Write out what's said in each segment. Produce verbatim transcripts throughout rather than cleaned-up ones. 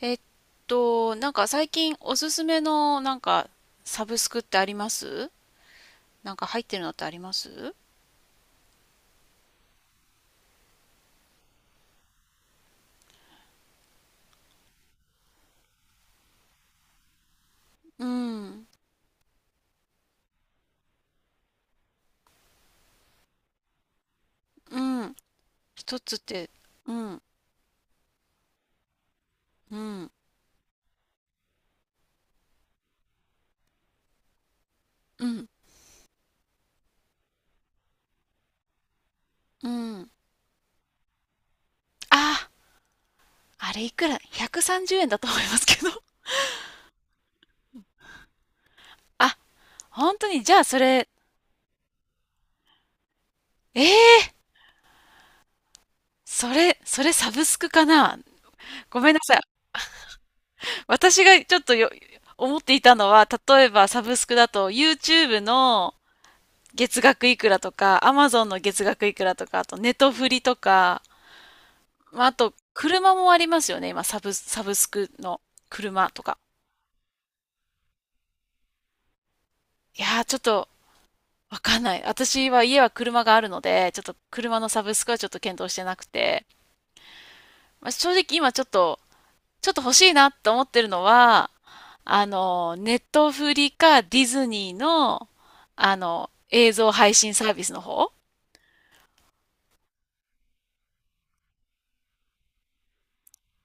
えっと、なんか最近おすすめのなんかサブスクってあります？なんか入ってるのってあります？うん、うん。一つって？うん、うん、うん、うん。あ、あれいくら？ ひゃくさんじゅうえん 円だと思いますけど。あ、本当にじゃあそれ、えー、それ、それサブスクかな？ごめんなさい。私がちょっとよ、思っていたのは、例えばサブスクだと YouTube の月額いくらとか、アマゾンの月額いくらとか、あとネトフリとか、まあ、あと車もありますよね、今サブ、サブスクの車とか。いやー、ちょっとわかんない。私は家は車があるので、ちょっと車のサブスクはちょっと検討してなくて、まあ、正直今ちょっと、ちょっと欲しいなと思ってるのは、あの、ネットフリかディズニーの、あの、映像配信サービスの方、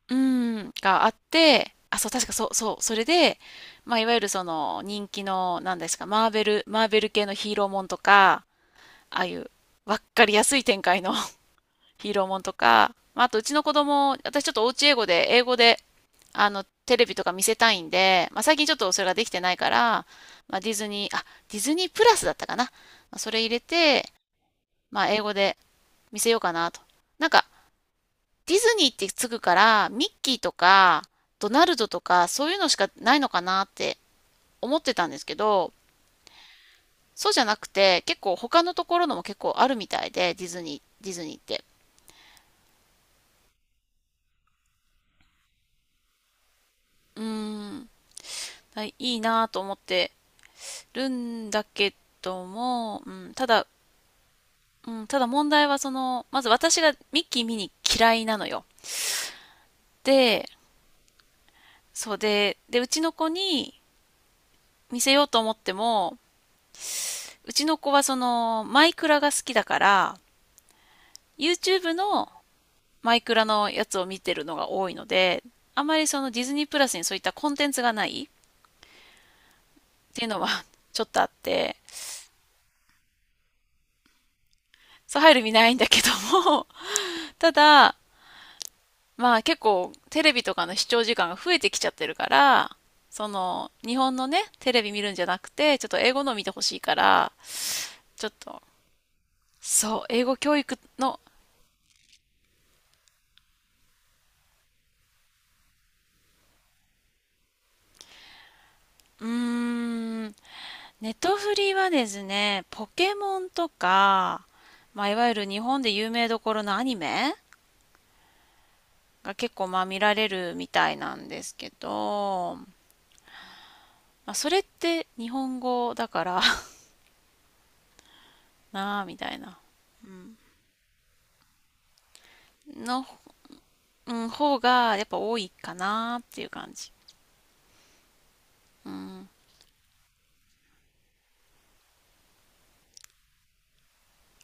うん、があって、あ、そう、確かそう、そう、それで、まあ、いわゆるその人気の、なんですか、マーベル、マーベル系のヒーローもんとか、ああいう、わっかりやすい展開の ヒーローもんとか、まあ、あとうちの子供、私ちょっとおうち英語で、英語で、あの、テレビとか見せたいんで、まあ、最近ちょっとそれができてないから、まあ、ディズニー、あ、ディズニープラスだったかな。まあ、それ入れて、まあ、英語で見せようかなと。なんか、ディズニーってつくから、ミッキーとか、ドナルドとか、そういうのしかないのかなって思ってたんですけど、そうじゃなくて、結構他のところのも結構あるみたいで、ディズニー、ディズニーって。うーん、はい、いいなぁと思ってるんだけども、うん、ただ、うん、ただ問題はその、まず私がミッキー見に嫌いなのよ。で、そうで、で、うちの子に見せようと思っても、うちの子はその、マイクラが好きだから、YouTube のマイクラのやつを見てるのが多いので、あまりそのディズニープラスにそういったコンテンツがないっていうのは ちょっとあって、そう入る見ないんだけども、ただ、まあ結構テレビとかの視聴時間が増えてきちゃってるから、その日本のね、テレビ見るんじゃなくて、ちょっと英語の見てほしいから、ちょっと、そう、英語教育の、うーん、ネトフリはですね、ポケモンとか、まあ、いわゆる日本で有名どころのアニメが結構まあ見られるみたいなんですけど、まあ、それって日本語だから なあみたいなの、うん、方がやっぱ多いかなっていう感じ。うん、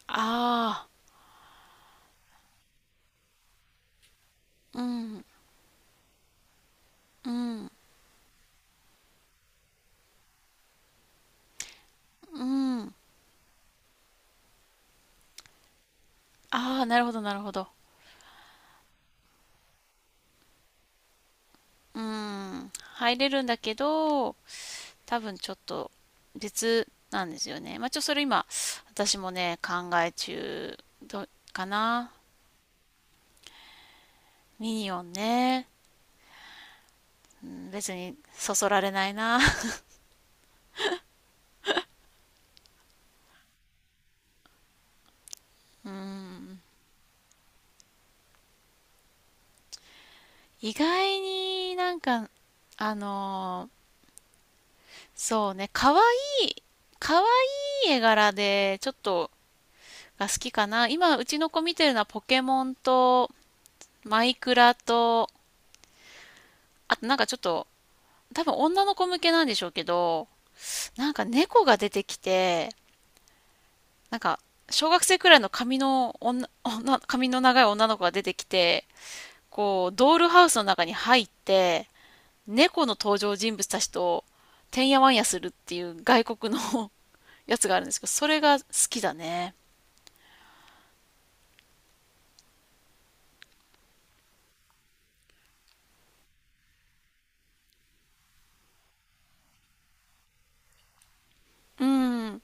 ああ、うん、うん、うん、ああ、なるほどなるほど。うん、入れるんだけど、多分ちょっと別なんですよね。まあ、ちょっとそれ今、私もね、考え中どかな。ミニオンね。うん別にそそられないな うん。意外になんか、あのーそうね、可愛い、可愛いい絵柄でちょっとが好きかな。今、うちの子見てるのはポケモンとマイクラと、あとなんかちょっと、多分女の子向けなんでしょうけど、なんか猫が出てきて、なんか、小学生くらいの髪の女、女、髪の長い女の子が出てきて、こう、ドールハウスの中に入って、猫の登場人物たちと、てんやわんやするっていう外国の やつがあるんですけど、それが好きだね。うん。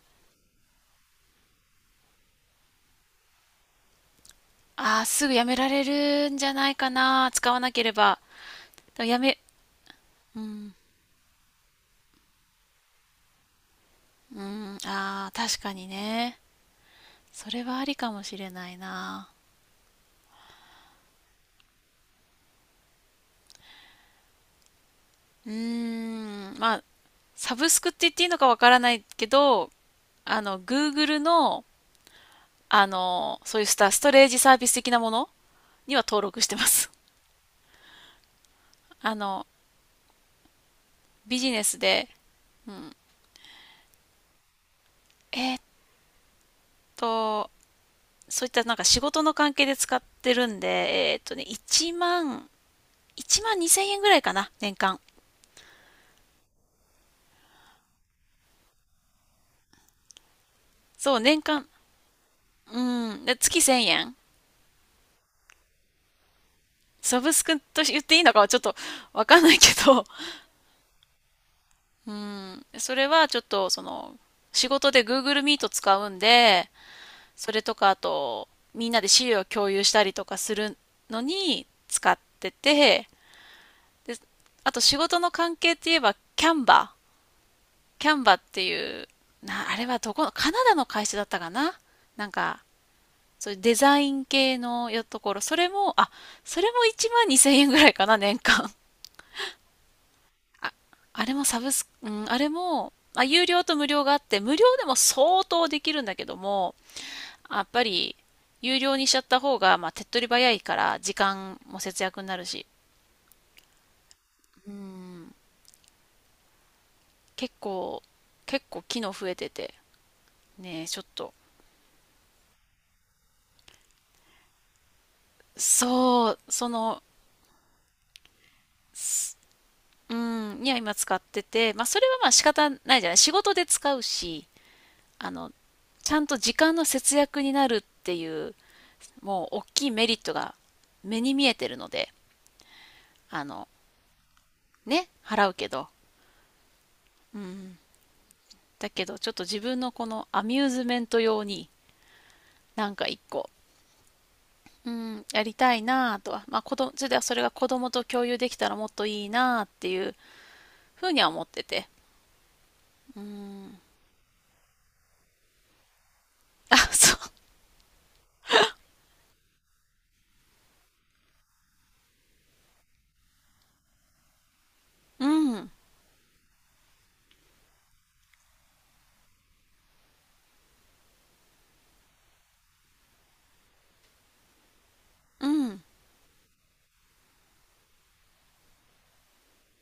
ああ、すぐやめられるんじゃないかな。使わなければ。でもやめ、うん、ああ、確かにね。それはありかもしれないな。うーん、まあ、サブスクって言っていいのかわからないけど、あの、Google の、あの、そういうスタ、ストレージサービス的なものには登録してます。あの、ビジネスで、えーっと、そういったなんか仕事の関係で使ってるんで、えーっとね、1万、いちまんにせんえんぐらいかな、年間。そう、年間、うん、で、月せんえん。サブスクと言っていいのかはちょっとわかんないけど、うん、それはちょっとその、仕事で Google Meet 使うんで、それとかあと、みんなで資料を共有したりとかするのに使ってて、で、あと仕事の関係って言えば、キャンバー。キャンバーっていう、な、あれはどこの、カナダの会社だったかな。なんか、そういうデザイン系のよところ、それも、あ、それもいちまんにせんえんぐらいかな、年間。あ、あれもサブス、うん、あれも、まあ、有料と無料があって、無料でも相当できるんだけども、やっぱり、有料にしちゃった方が、まあ、手っ取り早いから、時間も節約になるし。うん。結構、結構機能増えてて。ねえ、ちょっと。そう、その、すうん、には今使ってて、まあ、それはまあ仕方ないじゃない。仕事で使うし、あの、ちゃんと時間の節約になるっていう、もう大きいメリットが目に見えてるので、あの、ね、払うけど。だけど、ちょっと自分のこのアミューズメント用に、なんか一個、うん、やりたいなぁとは、まあ、子供、それではそれが子供と共有できたらもっといいなぁっていうふうには思ってて。あ、そう。うん、うん、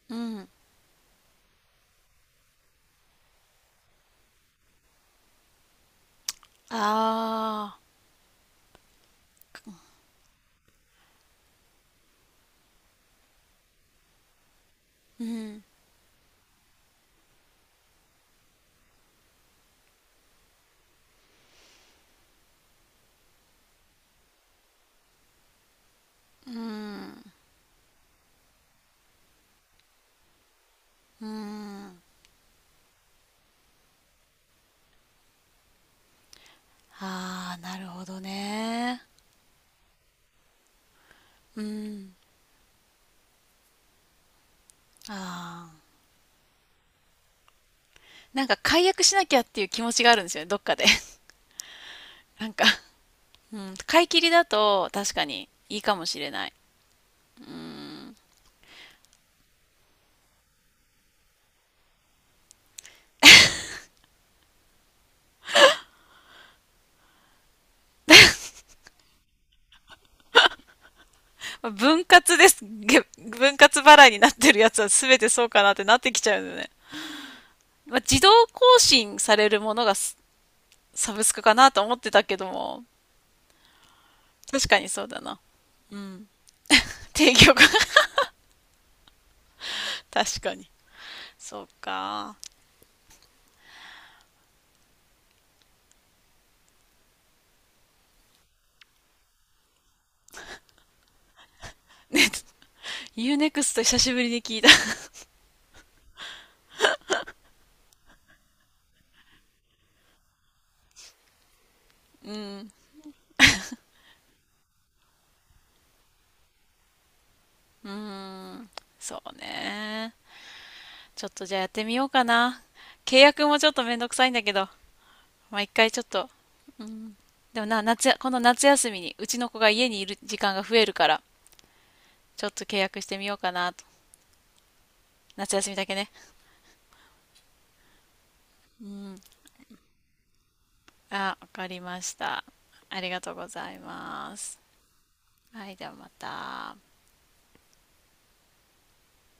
うん。ああ、うん、うん、うん。ああ、なるほどね。うん、ああ。なんか解約しなきゃっていう気持ちがあるんですよね、どっかで。なんか、うん、買い切りだと確かにいいかもしれない。まあ分割です。げ分割払いになってるやつは全てそうかなってなってきちゃうのね。まあ、自動更新されるものがササブスクかなと思ってたけども、確かにそうだな。提供が 確かに。そうか。ね、ユーネクスト久しぶりに聞いた。うん。うん。そうね。ちょっとじゃあやってみようかな。契約もちょっとめんどくさいんだけど、まあ、一回ちょっと、でもな、夏や、この夏休みに、うちの子が家にいる時間が増えるから、ちょっと契約してみようかなと。夏休みだけね。あ、わかりました。ありがとうございます。はい、ではまた。